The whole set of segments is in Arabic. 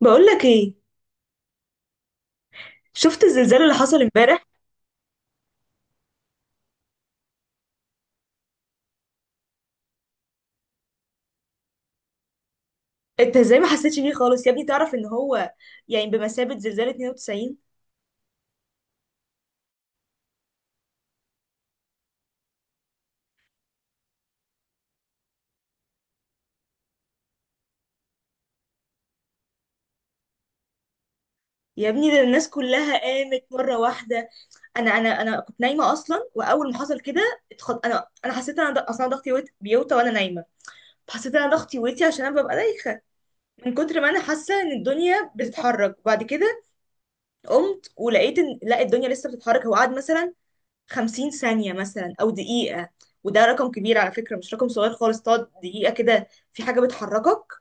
بقول لك ايه. شفت الزلزال اللي حصل امبارح؟ انت ازاي ما حسيتش بيه خالص يا ابني؟ تعرف ان هو يعني بمثابة زلزال 92. يا ابني ده الناس كلها قامت مرة واحدة. انا كنت نايمة اصلا، واول ما حصل كده انا حسيت ان انا اصلا ضغطي بيوطى وانا نايمة. حسيت ان انا ضغطي ويتي عشان انا ببقى دايخة من كتر ما انا حاسة ان الدنيا بتتحرك. وبعد كده قمت ولقيت ان لا، الدنيا لسه بتتحرك. هو قعد مثلا 50 ثانية مثلا أو دقيقة، وده رقم كبير على فكرة، مش رقم صغير خالص. تقعد دقيقة كده في حاجة بتحركك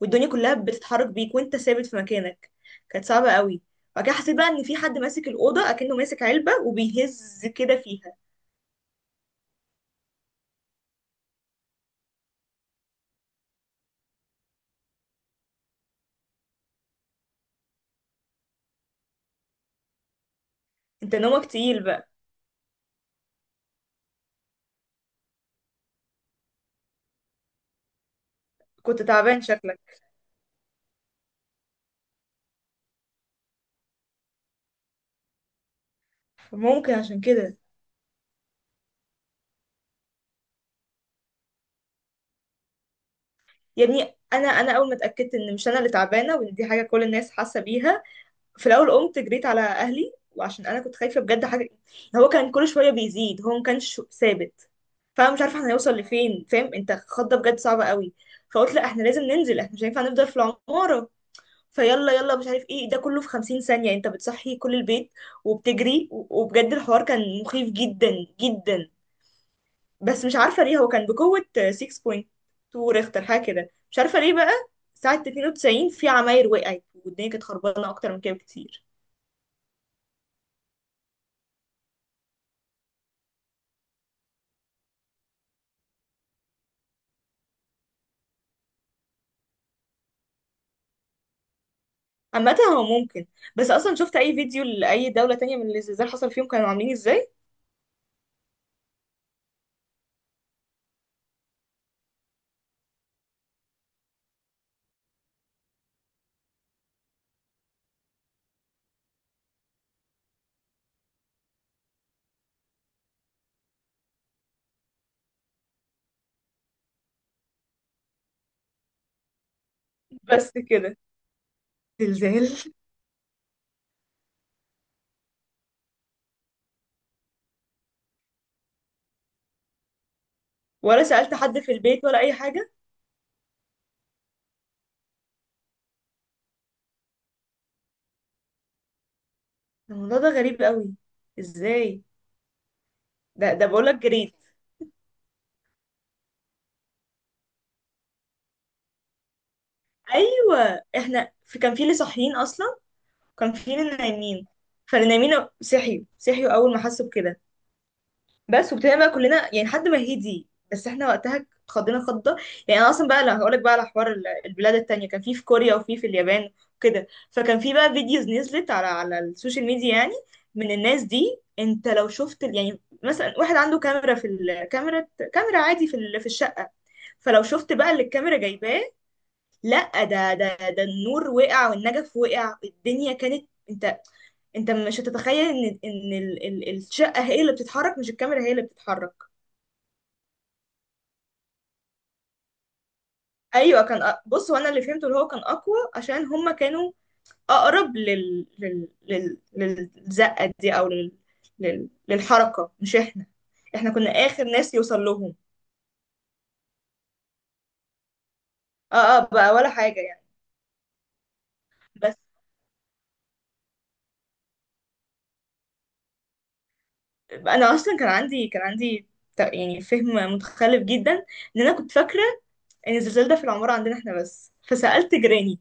والدنيا كلها بتتحرك بيك وانت ثابت في مكانك، كانت صعبة قوي. بعد كده حسيت بقى ان في حد ماسك الأوضة أكنه ماسك علبة وبيهز كده فيها. انت نومك تقيل بقى. كنت تعبان شكلك، ممكن عشان كده. يا ابني انا انا اول ما اتاكدت ان مش انا اللي تعبانه وان دي حاجه كل الناس حاسه بيها، في الاول قمت جريت على اهلي، وعشان انا كنت خايفه بجد حاجه. هو كان كل شويه بيزيد، هو ما كانش ثابت. فانا مش عارفه احنا هنوصل لفين، فاهم؟ انت خضه بجد صعبه قوي. فقلت لا، احنا لازم ننزل، احنا مش هينفع نفضل في العماره. فيلا يلا مش عارف ايه ده كله في خمسين ثانيه، انت بتصحي كل البيت وبتجري وبجد الحوار كان مخيف جدا جدا. بس مش عارفه ليه هو كان بقوه 6.2 ريختر حاجه كده، مش عارفه ليه بقى. ساعه 92 في عماير وقعت والدنيا كانت خربانه اكتر من كده بكتير. عامة هو ممكن، بس اصلا شفت اي فيديو لاي دولة تانية من اللي الزلزال حصل فيهم كانوا عاملين ازاي؟ بس كده؟ زلزال؟ ولا سألت حد في البيت ولا اي حاجة؟ الموضوع ده غريب قوي، ازاي؟ ده بقولك جريت. ايوه احنا في كان في اللي صاحيين اصلا، كان في اللي نايمين، فاللي نايمين صحيوا، صحيوا اول ما حسوا بكده. بس وابتدينا بقى كلنا يعني لحد ما هدي، بس احنا وقتها اتخضينا خضه. يعني انا اصلا بقى لا هقولك بقى على حوار البلاد التانية، كان في في كوريا وفي في اليابان كده. فكان في بقى فيديوز نزلت على على السوشيال ميديا يعني من الناس دي. انت لو شفت يعني مثلا واحد عنده كاميرا، في الكاميرا، كاميرا عادي في في الشقة، فلو شفت بقى اللي الكاميرا جايباه، لا ده النور وقع والنجف وقع، الدنيا كانت، انت انت مش هتتخيل ان الشقة هي اللي بتتحرك، مش الكاميرا هي اللي بتتحرك. ايوه كان بص، هو انا اللي فهمته اللي هو كان اقوى عشان هما كانوا اقرب للزقه دي، او للحركه مش احنا، احنا كنا اخر ناس يوصل لهم. اه اه بقى، ولا حاجه يعني. بس انا اصلا كان عندي، كان عندي يعني فهم متخلف جدا، ان انا كنت فاكره ان الزلزال ده في العماره عندنا احنا بس، فسالت جيراني.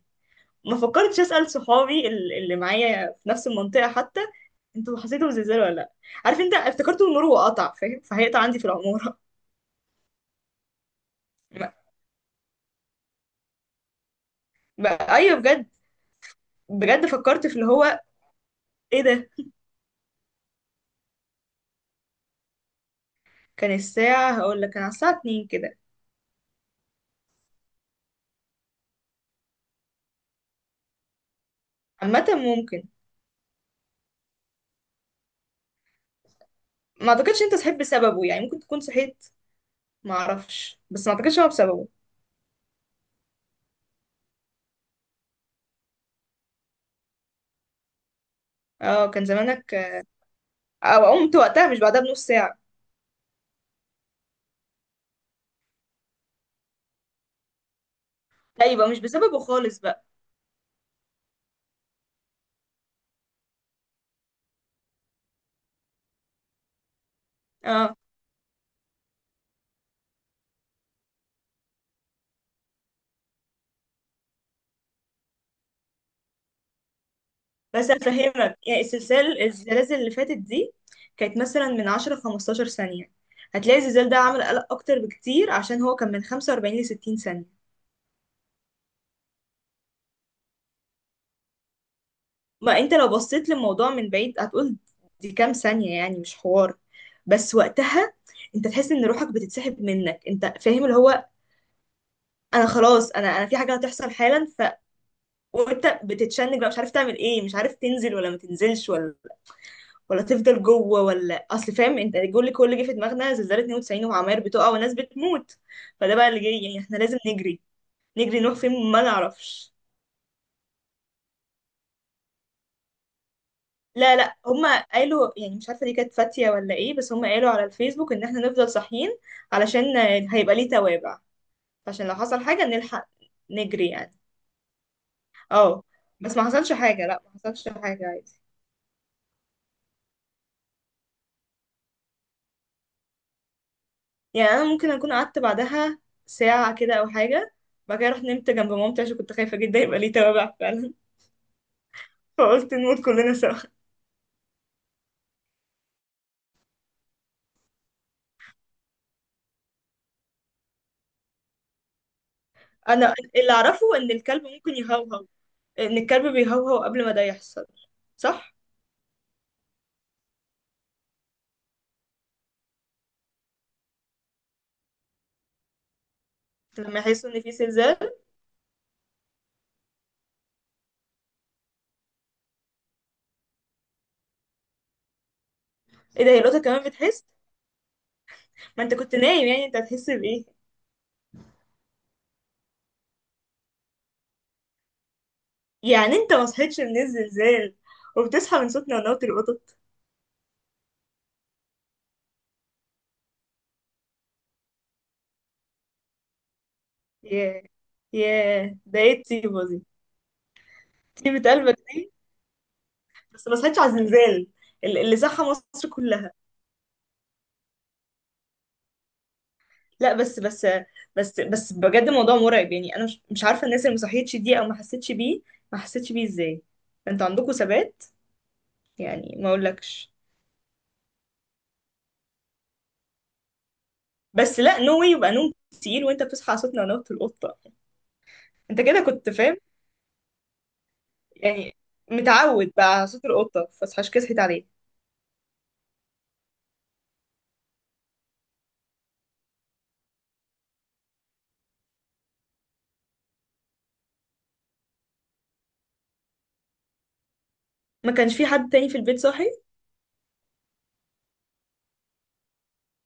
ما فكرتش اسال صحابي اللي معايا في نفس المنطقه حتى، انتوا حسيتوا بزلزال ولا لا؟ عارف انت افتكرته النور وقطع، فاهم؟ فهيقطع عندي في العماره. ما- بقى ايوه بجد، بجد فكرت في اللي هو ايه ده. كان الساعه هقول لك كان على الساعه 2 كده. عامه ممكن. ما اعتقدش انت صحيت بسببه، يعني ممكن تكون صحيت، ما اعرفش، بس ما اعتقدش هو بسببه. اه كان زمانك او قمت وقتها مش بعدها بنص ساعه. لا يبقى مش بسببه خالص بقى. اه، بس هفهمك يعني السلسال الزلازل اللي فاتت دي كانت مثلا من 10 15 ثانية، هتلاقي الزلزال ده عمل قلق أكتر بكتير عشان هو كان من 45 ل 60 ثانية. ما أنت لو بصيت للموضوع من بعيد هتقول دي كام ثانية، يعني مش حوار. بس وقتها أنت تحس إن روحك بتتسحب منك، أنت فاهم؟ اللي هو أنا خلاص، أنا في حاجة هتحصل حالا، ف وأنت بتتشنج بقى، مش عارف تعمل إيه، مش عارف تنزل ولا ما تنزلش، ولا ولا تفضل جوه، ولا اصل، فاهم انت الجول اللي كل اللي جه في دماغنا زلزال 92 وعماير بتقع وناس بتموت، فده بقى اللي جاي يعني احنا لازم نجري، نجري نروح فين ما نعرفش. لا لا، هما قالوا، يعني مش عارفه دي كانت فاتيه ولا ايه، بس هما قالوا على الفيسبوك ان احنا نفضل صاحيين علشان هيبقى ليه توابع، عشان لو حصل حاجه نلحق نجري يعني. اه، بس ما حصلش حاجه، لا ما حصلش حاجه عادي. يعني انا ممكن اكون قعدت بعدها ساعه كده او حاجه، بعد كده رحت نمت جنب مامتي عشان كنت خايفه جدا يبقى ليه توابع فعلا، فقلت نموت كلنا سوا. انا اللي اعرفه ان الكلب ممكن يهوهو، ان الكلب بيهوهو قبل ما ده يحصل، صح؟ لما يحس ان في زلزال. ايه ده، هي القطه كمان بتحس؟ ما انت كنت نايم يعني انت هتحس بايه؟ يعني انت ما صحيتش من الزلزال وبتصحى من صوت نونوت القطط؟ ياه، ياه ده ايه الطيبه دي. طيبه قلبك دي، بس ما صحيتش على الزلزال، اللي صحى مصر كلها. لا بس بس، بس بجد الموضوع مرعب. يعني انا مش عارفه الناس اللي ما صحيتش دي او ما حسيتش بيه، ما حسيتش بيه ازاي؟ انتوا عندكم ثبات، يعني ما اقولكش. بس لا، نو واي يبقى نوم تقيل وانت بتصحى على صوت نونوت القطه. انت كده كنت فاهم يعني متعود بقى على صوت القطه، فصحاش كده، صحيت عليه. ما كانش في حد تاني في البيت صاحي؟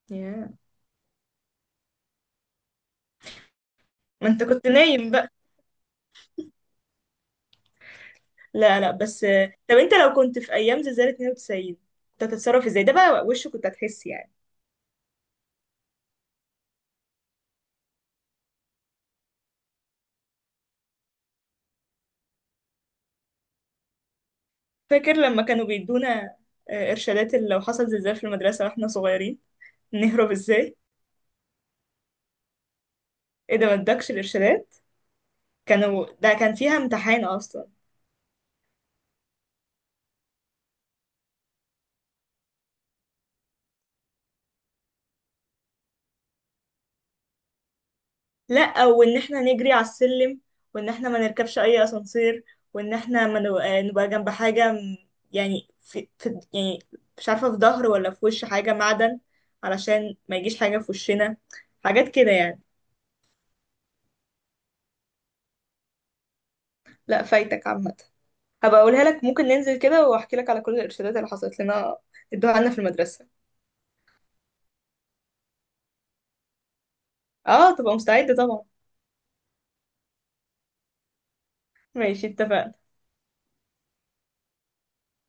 Yeah. ما انت كنت نايم بقى. لا لا، بس طب انت لو كنت في ايام زلزال 92، كنت هتتصرف ازاي ده بقى؟ وشه كنت هتحس يعني. فاكر لما كانوا بيدونا إرشادات اللي لو حصل زلزال في المدرسة واحنا صغيرين، نهرب ازاي؟ ايه ده ما ادكش الإرشادات؟ كانوا، ده كان فيها امتحان أصلا. لأ، وإن احنا نجري على السلم، وإن احنا ما نركبش أي أسانسير، وإن احنا ما نو- آه، نبقى جنب حاجة يعني في, في يعني مش عارفة في ظهر ولا في وش حاجة معدن، علشان ما يجيش حاجة في وشنا، حاجات كده يعني. لأ فايتك عامة، هبقى أقولها لك. ممكن ننزل كده وأحكي لك على كل الإرشادات اللي حصلت لنا، ادوها لنا في المدرسة. اه تبقى مستعدة طبعا. ماشي، اتفقنا.